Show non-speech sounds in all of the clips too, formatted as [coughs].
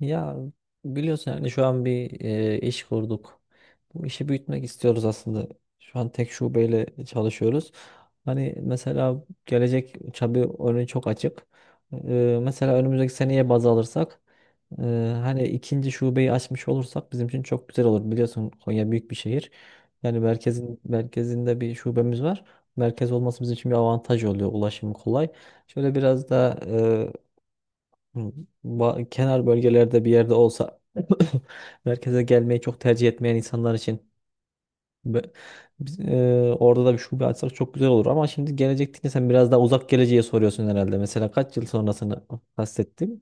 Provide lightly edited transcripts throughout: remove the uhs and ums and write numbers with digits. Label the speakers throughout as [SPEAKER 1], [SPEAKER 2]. [SPEAKER 1] Ya biliyorsun yani şu an bir iş kurduk. Bu işi büyütmek istiyoruz aslında. Şu an tek şubeyle çalışıyoruz. Hani mesela gelecek tabii önü çok açık. Mesela önümüzdeki seneye baz alırsak e, hani ikinci şubeyi açmış olursak bizim için çok güzel olur. Biliyorsun Konya büyük bir şehir. Yani merkezin merkezinde bir şubemiz var. Merkez olması bizim için bir avantaj oluyor. Ulaşım kolay. Şöyle biraz da. Hı. Kenar bölgelerde bir yerde olsa [coughs] merkeze gelmeyi çok tercih etmeyen insanlar için be- orada da bir şube açsak çok güzel olur ama şimdi gelecek deyince sen biraz daha uzak geleceğe soruyorsun herhalde. Mesela kaç yıl sonrasını kastettim?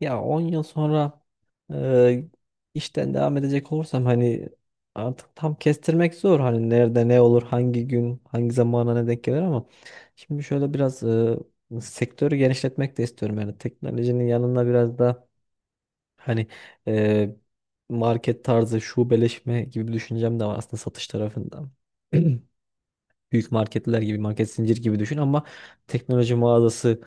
[SPEAKER 1] Ya 10 yıl sonra e, işten devam edecek olursam hani artık tam kestirmek zor, hani nerede ne olur, hangi gün hangi zamana ne denk gelir ama şimdi şöyle biraz sektörü genişletmek de istiyorum. Yani teknolojinin yanında biraz da hani e, market tarzı şubeleşme gibi bir düşüncem de var aslında satış tarafında. [clears throat] Büyük marketler gibi, market zincir gibi düşün ama teknoloji mağazası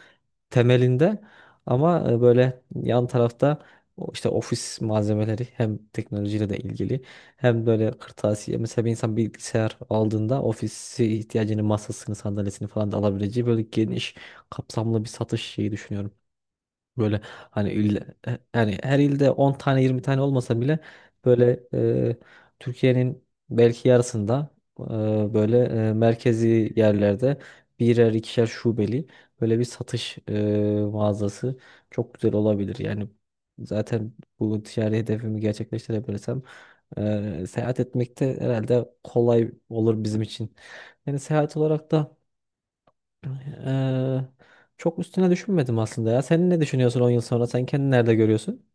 [SPEAKER 1] temelinde. Ama böyle yan tarafta o işte ofis malzemeleri, hem teknolojiyle de ilgili hem böyle kırtasiye. Mesela bir insan bilgisayar aldığında ofisi ihtiyacını, masasını, sandalyesini falan da alabileceği böyle geniş kapsamlı bir satış şeyi düşünüyorum. Böyle hani il, yani her ilde 10 tane 20 tane olmasa bile böyle e, Türkiye'nin belki yarısında e, böyle merkezi yerlerde birer ikişer şubeli böyle bir satış mağazası çok güzel olabilir. Yani zaten bu ticari hedefimi gerçekleştirebilirsem seyahat etmek de herhalde kolay olur bizim için. Yani seyahat olarak da Eee, çok üstüne düşünmedim aslında ya. Sen ne düşünüyorsun 10 yıl sonra? Sen kendini nerede görüyorsun?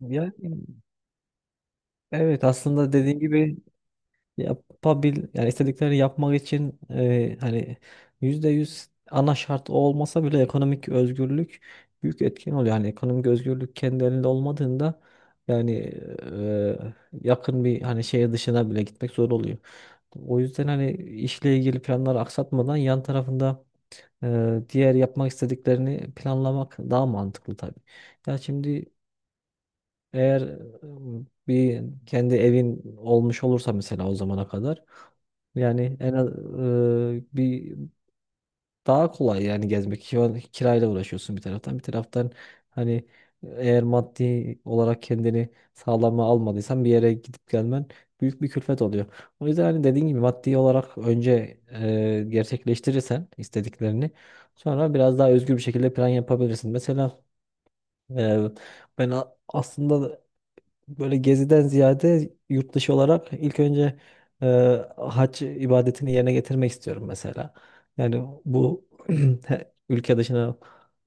[SPEAKER 1] Yani evet, aslında dediğin gibi yapabil, yani istediklerini yapmak için, hani %100 ana şart o olmasa bile ekonomik özgürlük büyük etken oluyor. Yani ekonomik özgürlük kendi elinde olmadığında yani e, yakın bir, hani şehir dışına bile gitmek zor oluyor. O yüzden hani işle ilgili planları aksatmadan yan tarafında diğer yapmak istediklerini planlamak daha mantıklı tabii. Ya şimdi eğer bir kendi evin olmuş olursa mesela o zamana kadar yani en az bir daha kolay yani gezmek. Şu kirayla uğraşıyorsun bir taraftan. Bir taraftan hani eğer maddi olarak kendini sağlama almadıysan bir yere gidip gelmen büyük bir külfet oluyor. O yüzden hani dediğin gibi maddi olarak önce gerçekleştirirsen istediklerini sonra biraz daha özgür bir şekilde plan yapabilirsin. Mesela e, aslında böyle geziden ziyade yurt dışı olarak ilk önce e, hac ibadetini yerine getirmek istiyorum mesela. Yani bu [clears throat] ülke dışına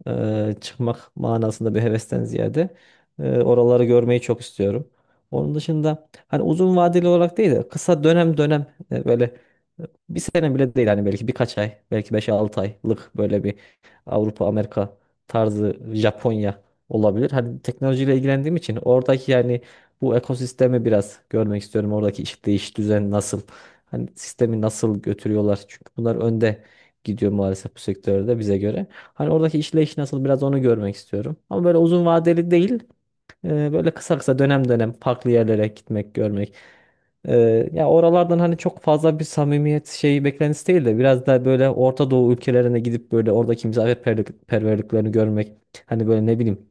[SPEAKER 1] çıkmak manasında bir hevesten ziyade oraları görmeyi çok istiyorum. Onun dışında hani uzun vadeli olarak değil de kısa dönem dönem, böyle e, bir sene bile değil, hani belki birkaç ay, belki beş 6 aylık böyle bir Avrupa, Amerika tarzı, Japonya olabilir. Hani teknolojiyle ilgilendiğim için oradaki, yani bu ekosistemi biraz görmek istiyorum. Oradaki işte iş düzen nasıl? Hani sistemi nasıl götürüyorlar? Çünkü bunlar önde gidiyor maalesef bu sektörde bize göre. Hani oradaki işleyiş nasıl, biraz onu görmek istiyorum. Ama böyle uzun vadeli değil. Böyle kısa kısa dönem dönem farklı yerlere gitmek, görmek. E, Ya oralardan hani çok fazla bir samimiyet şeyi beklentisi değil de biraz da böyle Orta Doğu ülkelerine gidip böyle oradaki misafirperverliklerini görmek. Hani böyle ne bileyim,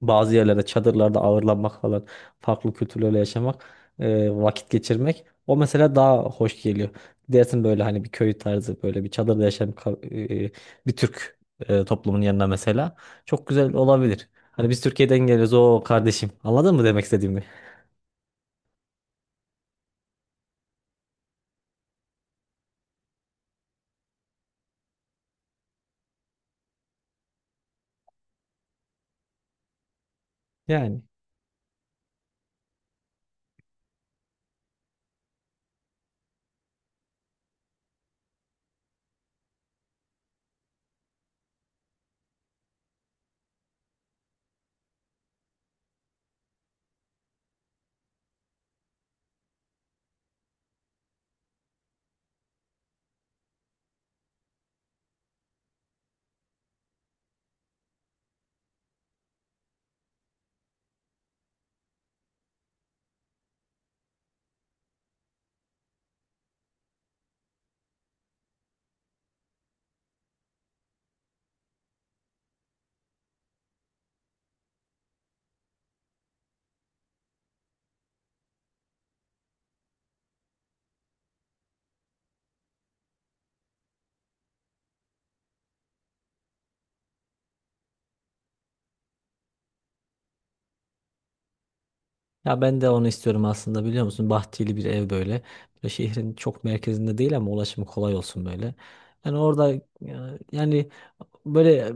[SPEAKER 1] bazı yerlerde çadırlarda ağırlanmak falan, farklı kültürlerle yaşamak, vakit geçirmek. O mesela daha hoş geliyor. Dersin böyle hani bir köy tarzı, böyle bir çadırda yaşayan bir Türk toplumun yanına mesela. Çok güzel olabilir. Hani biz Türkiye'den geliyoruz o kardeşim. Anladın mı demek istediğimi? Yani. Ya ben de onu istiyorum aslında, biliyor musun? Bahçeli bir ev böyle. Böyle şehrin çok merkezinde değil ama ulaşımı kolay olsun böyle. Yani orada yani böyle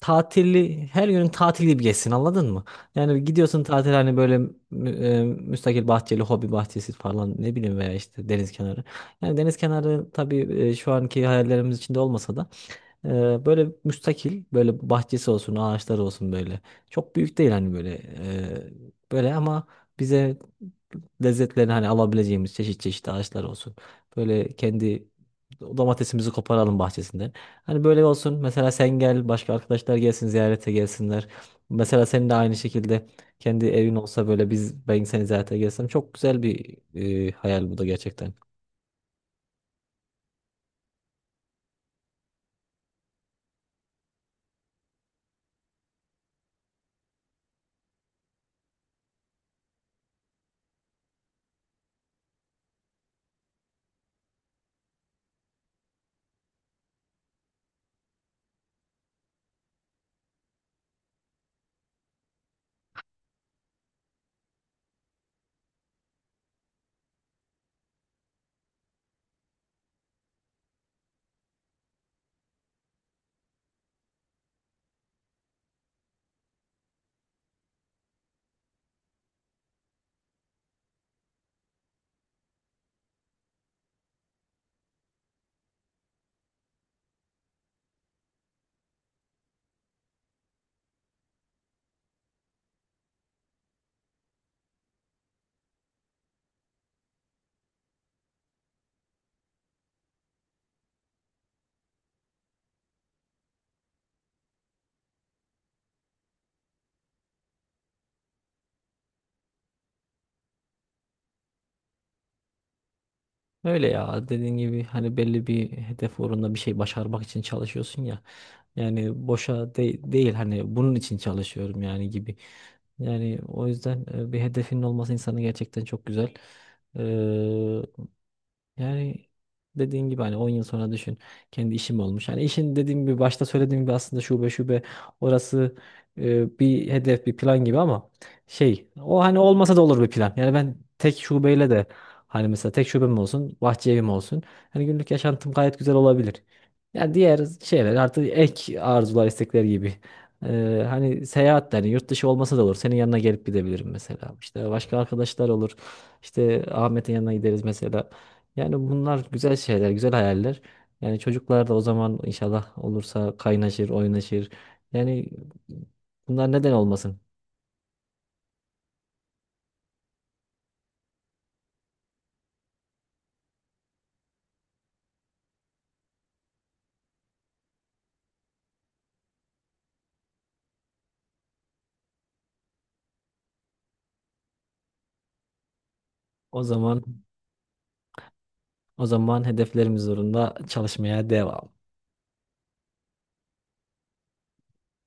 [SPEAKER 1] tatilli, her günün tatili gibi geçsin, anladın mı? Yani gidiyorsun tatil, hani böyle müstakil bahçeli, hobi bahçesi falan, ne bileyim, veya işte deniz kenarı. Yani deniz kenarı tabii şu anki hayallerimiz içinde olmasa da böyle müstakil, böyle bahçesi olsun, ağaçları olsun böyle. Çok büyük değil, hani böyle böyle, ama bize lezzetlerini hani alabileceğimiz çeşit çeşit ağaçlar olsun. Böyle kendi domatesimizi koparalım bahçesinden. Hani böyle olsun. Mesela sen gel, başka arkadaşlar gelsin, ziyarete gelsinler. Mesela senin de aynı şekilde kendi evin olsa böyle ben seni ziyarete gelsem çok güzel bir hayal bu da, gerçekten. Öyle, ya dediğin gibi hani belli bir hedef uğrunda bir şey başarmak için çalışıyorsun ya. Yani boşa değil, hani bunun için çalışıyorum yani, gibi. Yani o yüzden bir hedefinin olması insanı gerçekten çok güzel. Yani dediğin gibi hani 10 yıl sonra düşün, kendi işim olmuş. Hani işin dediğim gibi, başta söylediğim gibi aslında şube şube orası bir hedef, bir plan gibi ama şey, o hani olmasa da olur bir plan. Yani ben tek şubeyle de hani, mesela tek şubem olsun, bahçe evim olsun. Hani günlük yaşantım gayet güzel olabilir. Yani diğer şeyler artık ek arzular, istekler gibi. Hani seyahat de hani yurt dışı olmasa da olur. Senin yanına gelip gidebilirim mesela. İşte başka arkadaşlar olur. İşte Ahmet'in yanına gideriz mesela. Yani bunlar güzel şeyler, güzel hayaller. Yani çocuklar da o zaman inşallah olursa kaynaşır, oynaşır. Yani bunlar neden olmasın? O zaman o zaman hedeflerimiz uğrunda çalışmaya devam.